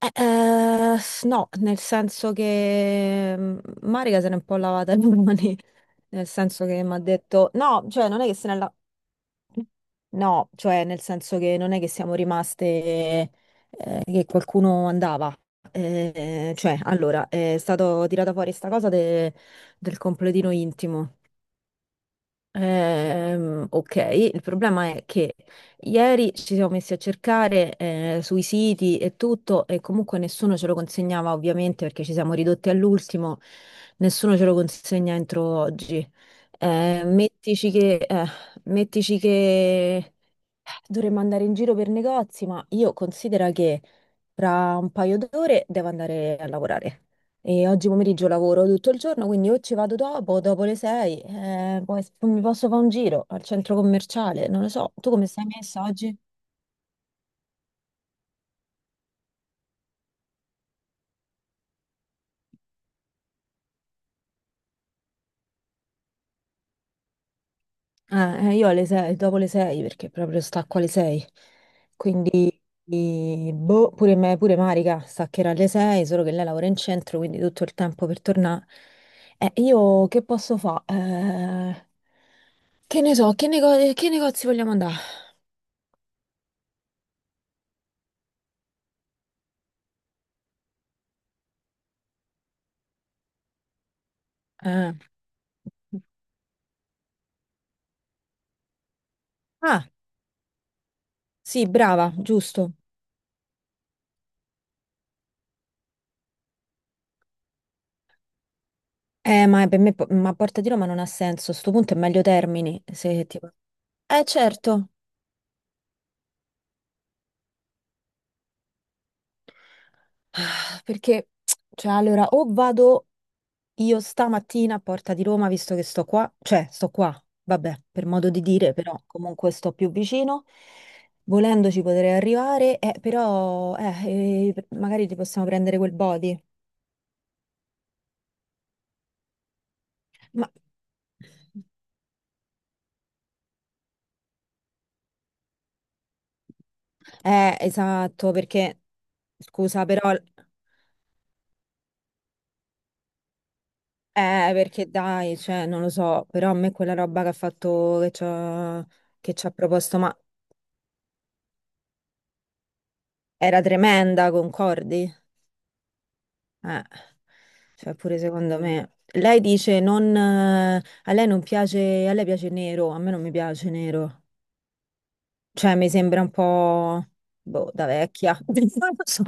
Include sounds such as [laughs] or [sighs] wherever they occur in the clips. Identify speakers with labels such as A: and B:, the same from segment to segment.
A: No, nel senso che Marica se n'è un po' lavata le mani, [laughs] nel senso che mi ha detto no, cioè non è che se ne la... No, cioè nel senso che non è che siamo rimaste che qualcuno andava. Cioè, allora, è stato tirata fuori sta cosa del completino intimo. Ok, il problema è che ieri ci siamo messi a cercare sui siti e tutto e comunque nessuno ce lo consegnava ovviamente perché ci siamo ridotti all'ultimo, nessuno ce lo consegna entro oggi. Eh, mettici che, eh, mettici che dovremmo andare in giro per negozi, ma io considero che fra un paio d'ore devo andare a lavorare. E oggi pomeriggio lavoro tutto il giorno, quindi o ci vado dopo, dopo le 6, poi mi posso fare un giro al centro commerciale, non lo so. Tu come stai messa oggi? Io alle 6, dopo le 6 perché proprio stacco alle 6. Quindi, boh, pure Marica staccherà alle 6, solo che lei lavora in centro, quindi tutto il tempo per tornare. Io che posso fare? Che ne so, che, che negozi vogliamo andare? Eh. Ah, sì, brava, giusto. Ma per me, ma Porta di Roma non ha senso. A sto punto è meglio Termini, se ti va. Certo. Ah, perché, cioè, allora, o vado io stamattina a Porta di Roma, visto che sto qua, cioè sto qua, vabbè, per modo di dire, però comunque sto più vicino, volendoci potrei arrivare, però magari ti possiamo prendere quel body. Ma... esatto, perché, scusa, però, perché dai, cioè, non lo so, però a me quella roba che ha fatto, che ci ha proposto, ma era tremenda, concordi? Eh, cioè pure secondo me. Lei dice non, a lei non piace, a lei piace nero, a me non mi piace nero. Cioè mi sembra un po' boh, da vecchia, [laughs] non lo so.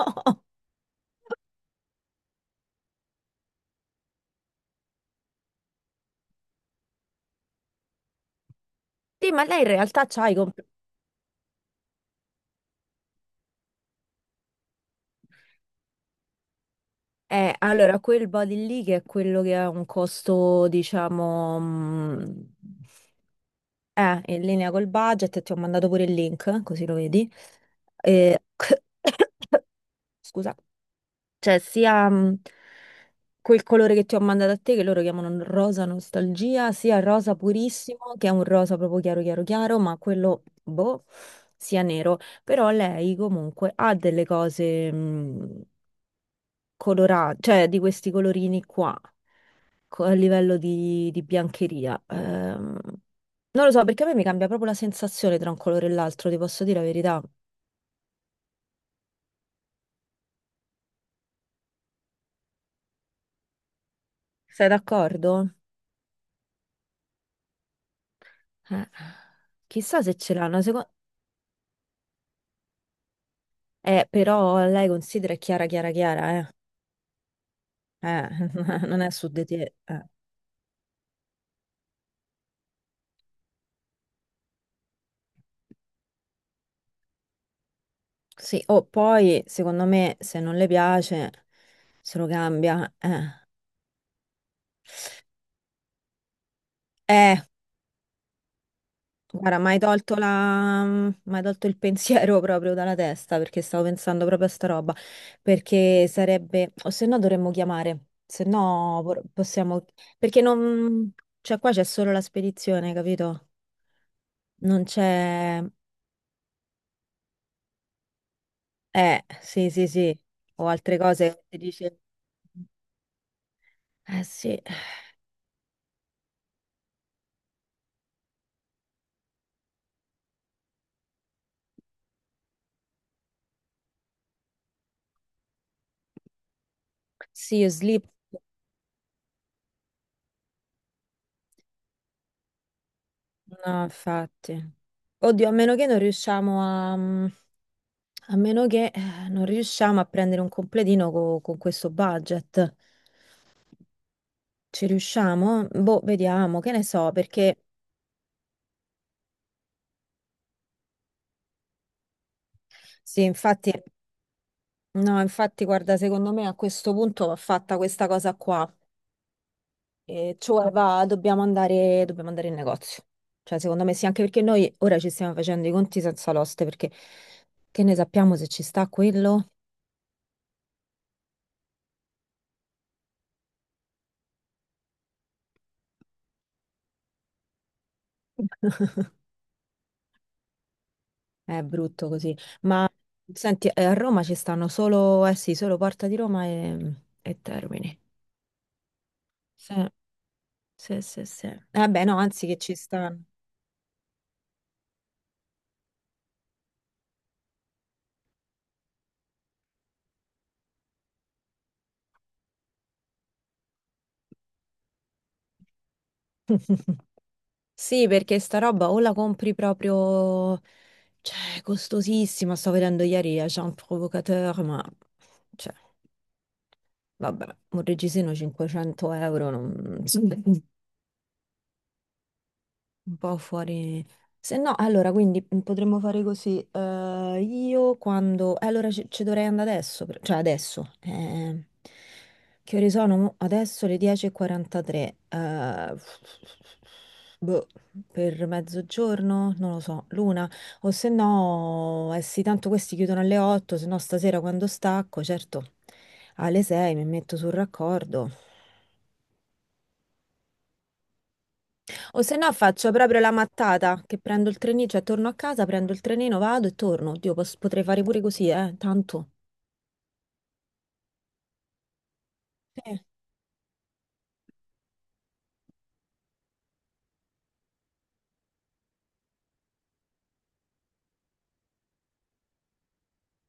A: Sì, ma lei in realtà c'ha i compl- allora, quel body lì che è quello che ha un costo, diciamo, in linea col budget, ti ho mandato pure il link, così lo vedi. Eh, [coughs] scusa, cioè sia... quel colore che ti ho mandato a te, che loro chiamano rosa nostalgia, sia rosa purissimo, che è un rosa proprio chiaro, chiaro, chiaro, ma quello, boh, sia nero. Però lei comunque ha delle cose colorate, cioè di questi colorini qua, a livello di biancheria. Non lo so, perché a me mi cambia proprio la sensazione tra un colore e l'altro, ti posso dire la verità. Sei d'accordo? Eh, Chissà se ce l'hanno, secondo... però lei considera è chiara, chiara, chiara, eh. Eh, [laughs] non è su di te, Sì, o poi, secondo me, se non le piace, se lo cambia. Eh, guarda, mi hai tolto la... M'hai tolto il pensiero [laughs] proprio dalla testa, perché stavo pensando proprio a sta roba. Perché sarebbe... O se no dovremmo chiamare. Se no possiamo... Perché non... Cioè, qua c'è solo la spedizione, capito? Non c'è... sì, sì, sì. O altre cose che ti dice... Eh sì. Sì, io slip, no, infatti. Oddio, a meno che non riusciamo a... A meno che non riusciamo a prendere un completino con questo budget. Ci riusciamo? Boh, vediamo, che ne so, perché sì, infatti, no, infatti, guarda, secondo me a questo punto va fatta questa cosa qua. E cioè, va, dobbiamo andare in negozio. Cioè, secondo me sì, anche perché noi ora ci stiamo facendo i conti senza l'oste, perché che ne sappiamo se ci sta quello? È brutto così. Ma senti, a Roma ci stanno solo, eh sì, solo Porta di Roma e Termini. Sì, sì, sì, sì. Eh beh, no, anzi che ci stanno. Sì, perché sta roba o la compri proprio, cioè, è costosissima. Sto vedendo ieri a Jean Provocateur, ma, cioè, vabbè, un reggiseno 500 euro, non... [laughs] Un po' fuori. Se no, allora, quindi potremmo fare così. Eh, io quando... allora ci dovrei andare adesso, cioè adesso. Eh, che ore sono? Adesso le 10:43. Eh, boh, per mezzogiorno? Non lo so, l'una. O se no, eh sì, tanto questi chiudono alle 8, se no stasera quando stacco, certo, alle 6 mi metto sul raccordo. O se no faccio proprio la mattata, che prendo il trenino, cioè torno a casa, prendo il trenino, vado e torno. Oddio, potrei fare pure così, tanto. Sì.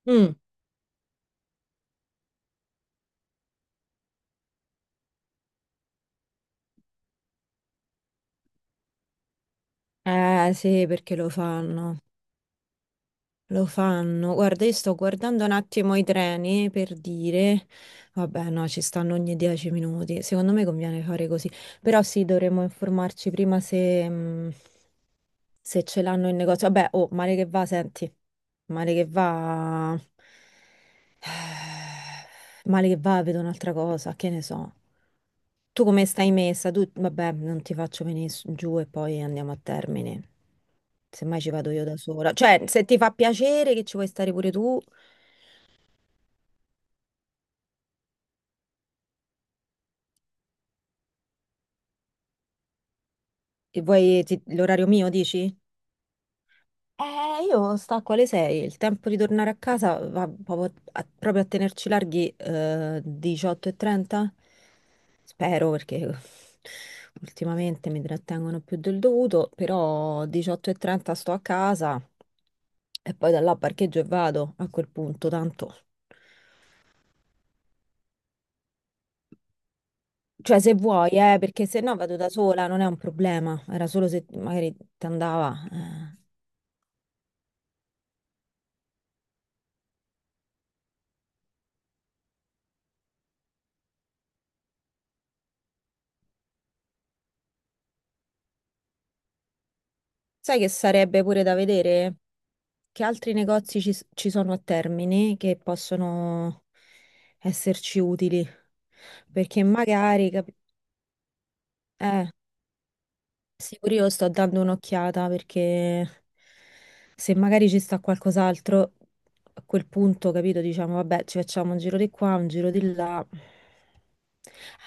A: Mm. Eh sì, perché lo fanno. Lo fanno. Guarda, io sto guardando un attimo i treni per dire, vabbè, no, ci stanno ogni 10 minuti. Secondo me conviene fare così. Però sì, dovremmo informarci prima se ce l'hanno in negozio. Vabbè, oh, male che va, senti, male che va, [sighs] male che va, vedo un'altra cosa, che ne so. Tu come stai messa? Tu, vabbè, non ti faccio venire giù e poi andiamo a termine. Semmai ci vado io da sola. Cioè, se ti fa piacere che ci vuoi stare pure tu, e vuoi l'orario mio, dici? Io sta a quale sei? Il tempo di tornare a casa va proprio a, tenerci larghi 18:30? Spero perché [laughs] ultimamente mi trattengono più del dovuto, però 18:30 sto a casa e poi da là parcheggio e vado a quel punto, tanto. Cioè se vuoi, perché se no vado da sola, non è un problema. Era solo se magari ti andava, Sai che sarebbe pure da vedere che altri negozi ci sono a Termini che possono esserci utili, perché magari, eh, sì, pure io sto dando un'occhiata perché se magari ci sta qualcos'altro, a quel punto, capito, diciamo, vabbè, ci facciamo un giro di qua, un giro di là.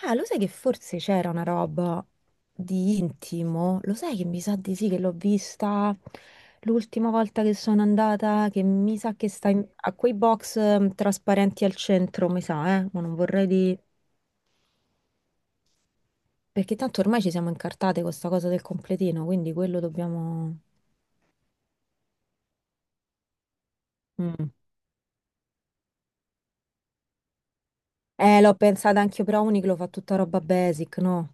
A: Ah, lo sai che forse c'era una roba di intimo? Lo sai che mi sa di sì, che l'ho vista l'ultima volta che sono andata, che mi sa che sta a quei box trasparenti al centro, mi sa, ma non vorrei di... Perché tanto ormai ci siamo incartate con sta cosa del completino, quindi quello dobbiamo... Mm. L'ho pensato anche io, però Uniqlo fa tutta roba basic, no?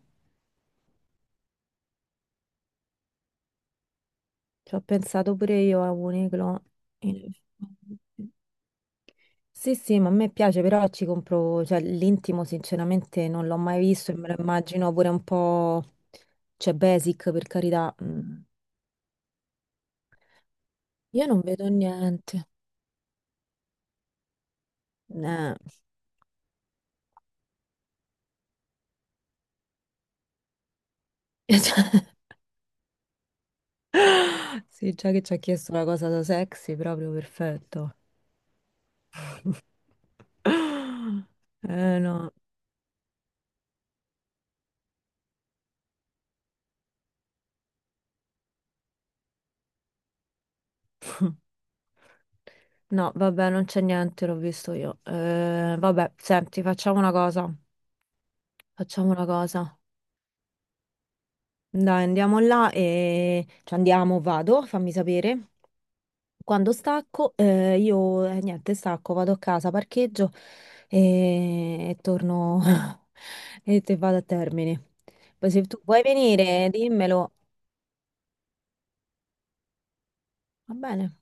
A: Ci ho pensato pure io a Uniqlo. In effetti. Sì, sì, ma a me piace, però ci compro, cioè l'intimo sinceramente non l'ho mai visto e me lo immagino pure un po', cioè basic per carità. Mm. Io non vedo niente. Eh. [laughs] Sì, già che ci ha chiesto la cosa da sexy, proprio perfetto. [gasps] Eh no. No, vabbè, non c'è niente, l'ho visto io. Vabbè, senti, facciamo una cosa. Facciamo una cosa. Dai, andiamo là e... Cioè, andiamo, vado, fammi sapere. Quando stacco, io, niente, stacco, vado a casa, parcheggio e torno [laughs] e te vado a termine. Poi se tu vuoi venire, dimmelo. Va bene.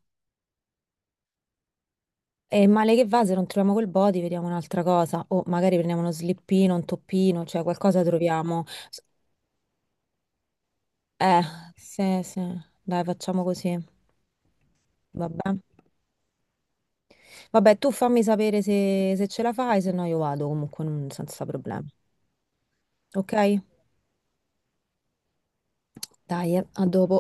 A: E male che va, se non troviamo quel body, vediamo un'altra cosa. O magari prendiamo uno slippino, un toppino, cioè qualcosa troviamo. Eh, sì, sì, dai, facciamo così. Vabbè. Vabbè, tu fammi sapere se ce la fai, se no io vado comunque senza problemi. Ok? Dai, a dopo.